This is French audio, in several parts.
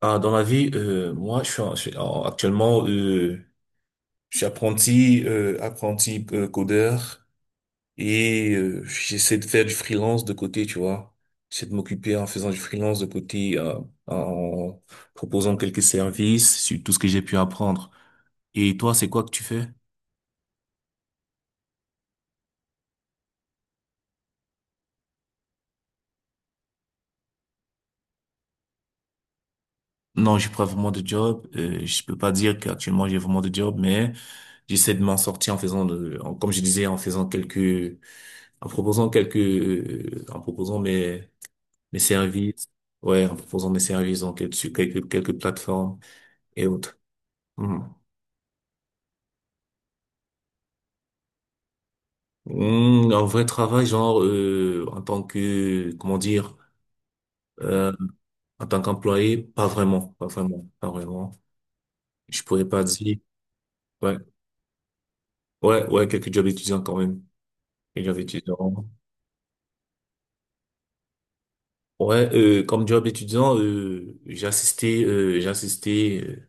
Ah, dans la vie, moi, actuellement, je suis apprenti, apprenti codeur et j'essaie de faire du freelance de côté, tu vois. J'essaie de m'occuper en faisant du freelance de côté, en proposant quelques services sur tout ce que j'ai pu apprendre. Et toi, c'est quoi que tu fais? Non, j'ai pas vraiment de job. Je peux pas dire qu'actuellement j'ai vraiment de job, mais j'essaie de m'en sortir en faisant, comme je disais, en faisant en proposant en proposant mes services, ouais, en proposant mes services donc et dessus quelques plateformes et autres. Mhm. Mm, un vrai travail, en tant que comment dire, euh, en tant qu'employé, pas vraiment. Je pourrais pas dire, ouais, ouais, quelques jobs étudiants quand même, quelques jobs étudiants. Ouais, comme job étudiant, j'ai assisté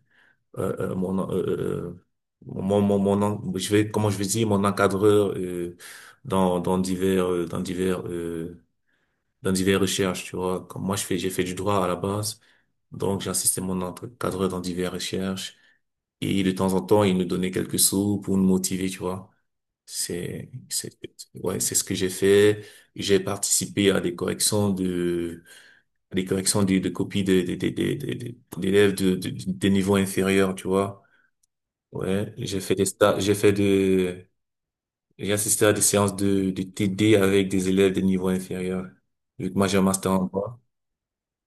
mon, euh, mon, mon, mon, en- je vais, comment je vais dire, mon encadreur dans, dans divers, dans divers, dans divers recherches, tu vois. Comme moi, j'ai fait du droit à la base, donc j'ai mon encadreur dans divers recherches. Et de temps en temps, il nous donnait quelques sous pour nous motiver, tu vois. C'est, c'est, ouais, c'est ce que j'ai fait. J'ai participé à des corrections de, à des corrections de copies des d'élèves des niveaux inférieurs, tu vois. Ouais, j'ai fait des stages, j'ai assisté à des séances de TD avec des élèves de niveau inférieur. Vu que moi j'ai un master en droit,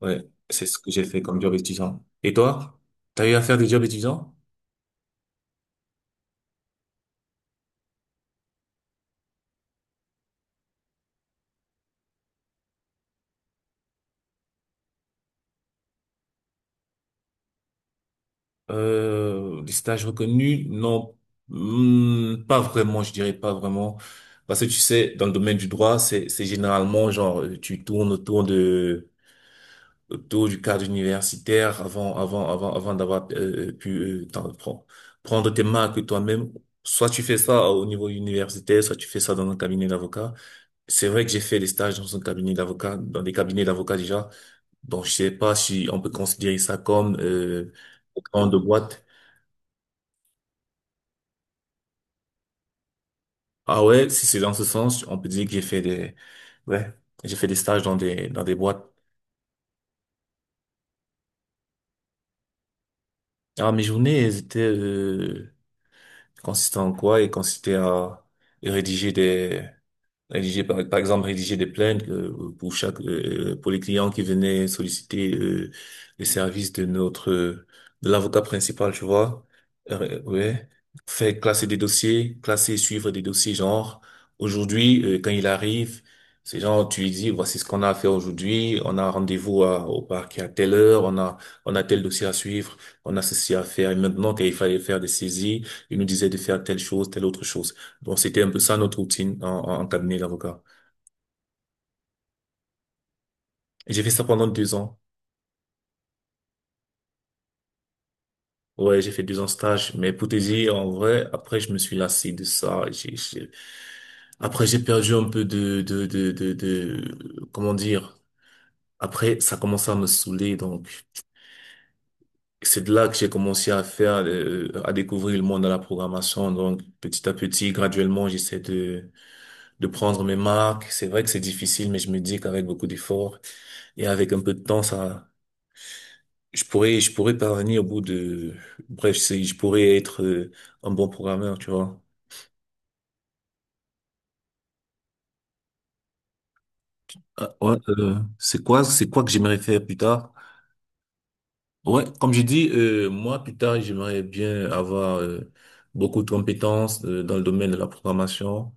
ouais, c'est ce que j'ai fait comme job étudiant. Et toi? T'as eu à faire des jobs étudiants? Des stages reconnus? Non. Hmm, pas vraiment, je dirais pas vraiment. Parce que tu sais, dans le domaine du droit, c'est généralement genre, tu tournes autour du cadre universitaire avant d'avoir pu euh, t'en- pre- prendre tes marques toi-même. Soit tu fais ça au niveau universitaire, soit tu fais ça dans un cabinet d'avocat. C'est vrai que j'ai fait des stages dans un cabinet d'avocat, dans des cabinets d'avocats déjà. Donc, je sais pas si on peut considérer ça comme en de boîte. Ah ouais, si c'est dans ce sens, on peut dire que ouais, j'ai fait des stages dans des boîtes. Ah, mes journées, elles étaient consistaient en quoi? Elles consistaient à rédiger des Rédiger par, par exemple rédiger des plaintes pour les clients qui venaient solliciter les services de notre de l'avocat principal, tu vois. Ouais, faire classer des dossiers, classer, suivre des dossiers genre aujourd'hui quand il arrive, c'est genre tu lui dis voici ce qu'on a à faire aujourd'hui, on a rendez-vous au parquet à telle heure, on a tel dossier à suivre, on a ceci à faire et maintenant qu'il fallait faire des saisies, il nous disait de faire telle chose, telle autre chose. Donc, c'était un peu ça notre routine en cabinet d'avocat. Et j'ai fait ça pendant 2 ans. Ouais, j'ai fait 2 ans de stage. Mais pour te dire, en vrai, après, je me suis lassé de ça. Après, j'ai perdu un peu comment dire. Après, ça commençait à me saouler. Donc, c'est de là que j'ai commencé à faire, à découvrir le monde de la programmation. Donc, petit à petit, graduellement, de prendre mes marques. C'est vrai que c'est difficile, mais je me dis qu'avec beaucoup d'efforts et avec un peu de temps, je je pourrais parvenir au bout de, je pourrais être un bon programmeur, tu vois. Ah, ouais, c'est quoi que j'aimerais faire plus tard? Ouais, comme j'ai dit, moi, plus tard, j'aimerais bien avoir beaucoup de compétences dans le domaine de la programmation.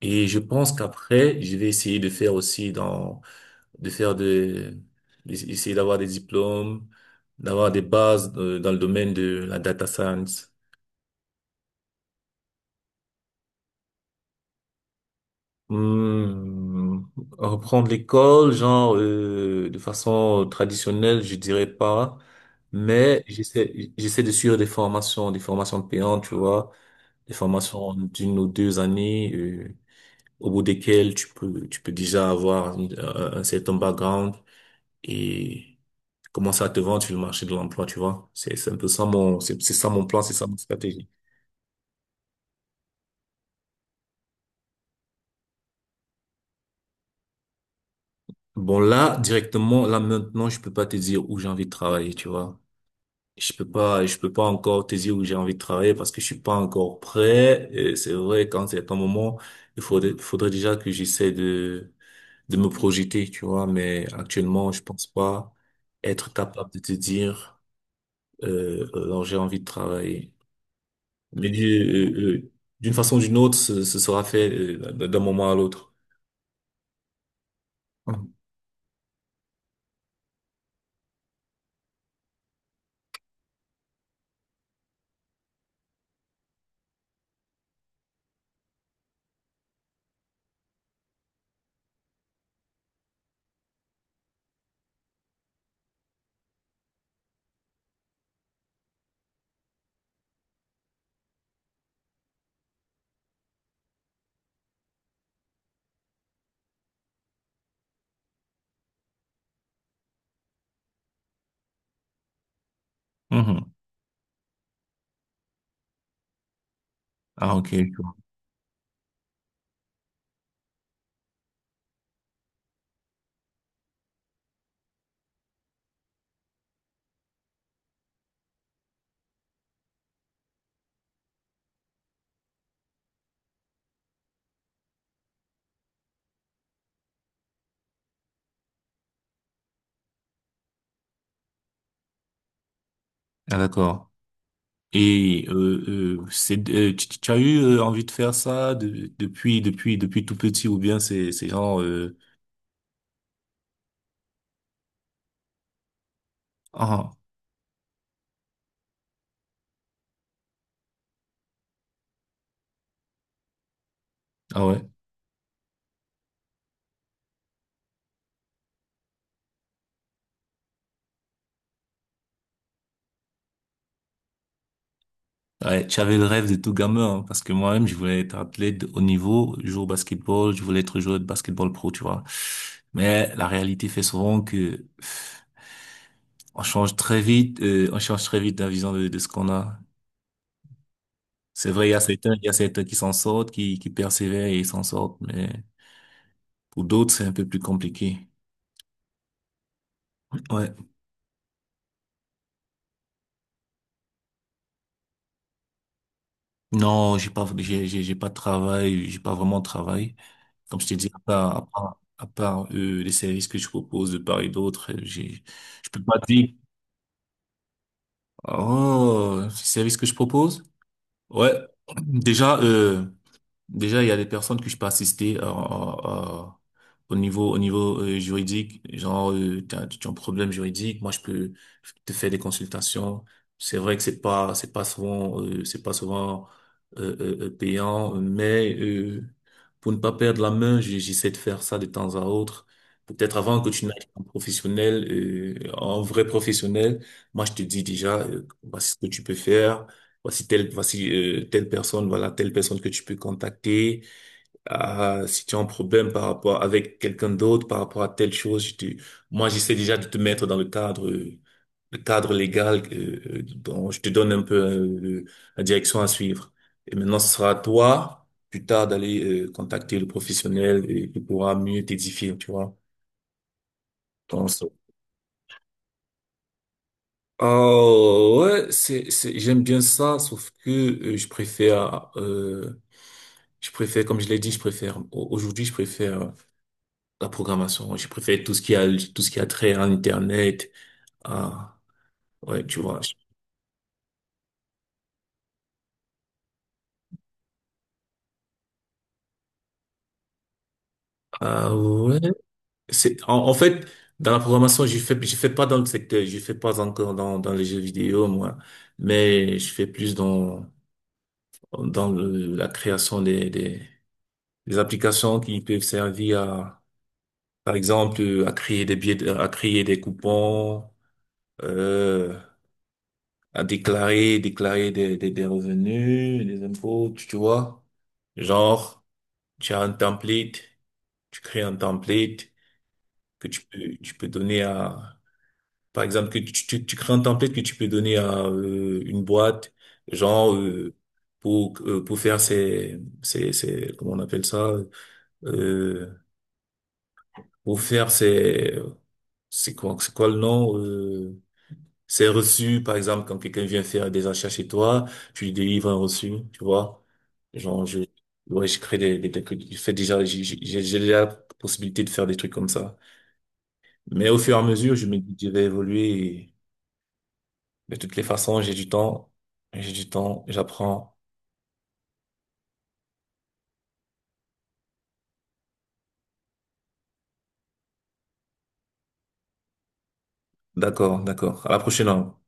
Et je pense qu'après, je vais essayer de faire aussi dans, de faire de, d'essayer d'avoir des diplômes, d'avoir des bases dans le domaine de la data science. Hmm, reprendre l'école, de façon traditionnelle, je dirais pas, mais j'essaie de suivre des formations payantes, tu vois, des formations d'une ou 2 années, au bout desquelles tu peux déjà avoir un certain background et commencer à te vendre sur le marché de l'emploi, tu vois. C'est ça mon plan, c'est ça ma stratégie. Bon là directement là maintenant je peux pas te dire où j'ai envie de travailler, tu vois. Je peux pas encore te dire où j'ai envie de travailler parce que je suis pas encore prêt. Et c'est vrai, quand c'est un moment, faudrait déjà que de me projeter, tu vois. Mais actuellement, je pense pas être capable de te dire, alors j'ai envie de travailler. Mais euh, d'une façon ou d'une autre, ce sera fait d'un moment à l'autre. Mhm. Mhm. Ah, ok. Je vois. Ah, d'accord. Et tu as eu envie de faire ça depuis tout petit ou bien c'est genre ah ah ouais ouais tu avais le rêve de tout gamin hein, parce que moi-même je voulais être athlète de haut niveau jouer au basketball je voulais être joueur de basketball pro tu vois, mais la réalité fait souvent que pff, on change très vite on change très vite la vision de ce qu'on a. C'est vrai il y a certains qui s'en sortent qui persévèrent et ils s'en sortent, mais pour d'autres c'est un peu plus compliqué. Ouais. Non, j'ai pas de travail, j'ai pas vraiment de travail. Comme je t'ai dit, à part les services que je propose de part et d'autre, je peux pas dire. Oh, les services que je propose? Ouais. Déjà, euh, Déjà, il y a des personnes que je peux assister au niveau juridique. Tu as un problème juridique, moi je peux te faire des consultations. C'est vrai que c'est pas souvent payant, mais pour ne pas perdre la main, j'essaie de faire ça de temps à autre. Peut-être avant que tu n'ailles en professionnel, en vrai professionnel, moi je te dis déjà voici ce que tu peux faire, voici voilà telle personne que tu peux contacter. Ah, si tu as un problème par rapport avec quelqu'un d'autre, par rapport à telle chose, moi j'essaie déjà de te mettre dans le cadre, le cadre légal, dont je te donne un peu la direction à suivre. Et maintenant, ce sera à toi plus tard d'aller contacter le professionnel et il pourra mieux t'édifier, tu vois. Donc, oh, ouais, j'aime bien ça, sauf que comme je l'ai dit, aujourd'hui, je préfère la programmation. Je préfère tout ce qui a trait à Internet. Ah, ouais, tu vois. Ah, ouais. C'est, en fait, dans la programmation, je fais pas dans le secteur, je fais pas encore dans les jeux vidéo, moi, mais je fais plus dans la création des applications qui peuvent servir. Par exemple, à créer des billets, à créer des coupons, euh, déclarer des revenus, des impôts, tu vois. Genre, tu as un template, tu crées un template que tu peux donner à, par exemple, tu crées un template que tu peux donner à une boîte, genre, euh, pour faire ses, comment on appelle ça, euh, pour faire ses, c'est quoi le nom, c'est reçu, par exemple, quand quelqu'un vient faire des achats chez toi, tu lui délivres un reçu, tu vois. Genre, je, ouais, je crée des trucs. Je fais déjà, j'ai déjà la possibilité de faire des trucs comme ça. Mais au fur et à mesure, je me dis que je vais évoluer et de toutes les façons, j'ai du temps, j'apprends. D'accord, d'accord. À la prochaine alors.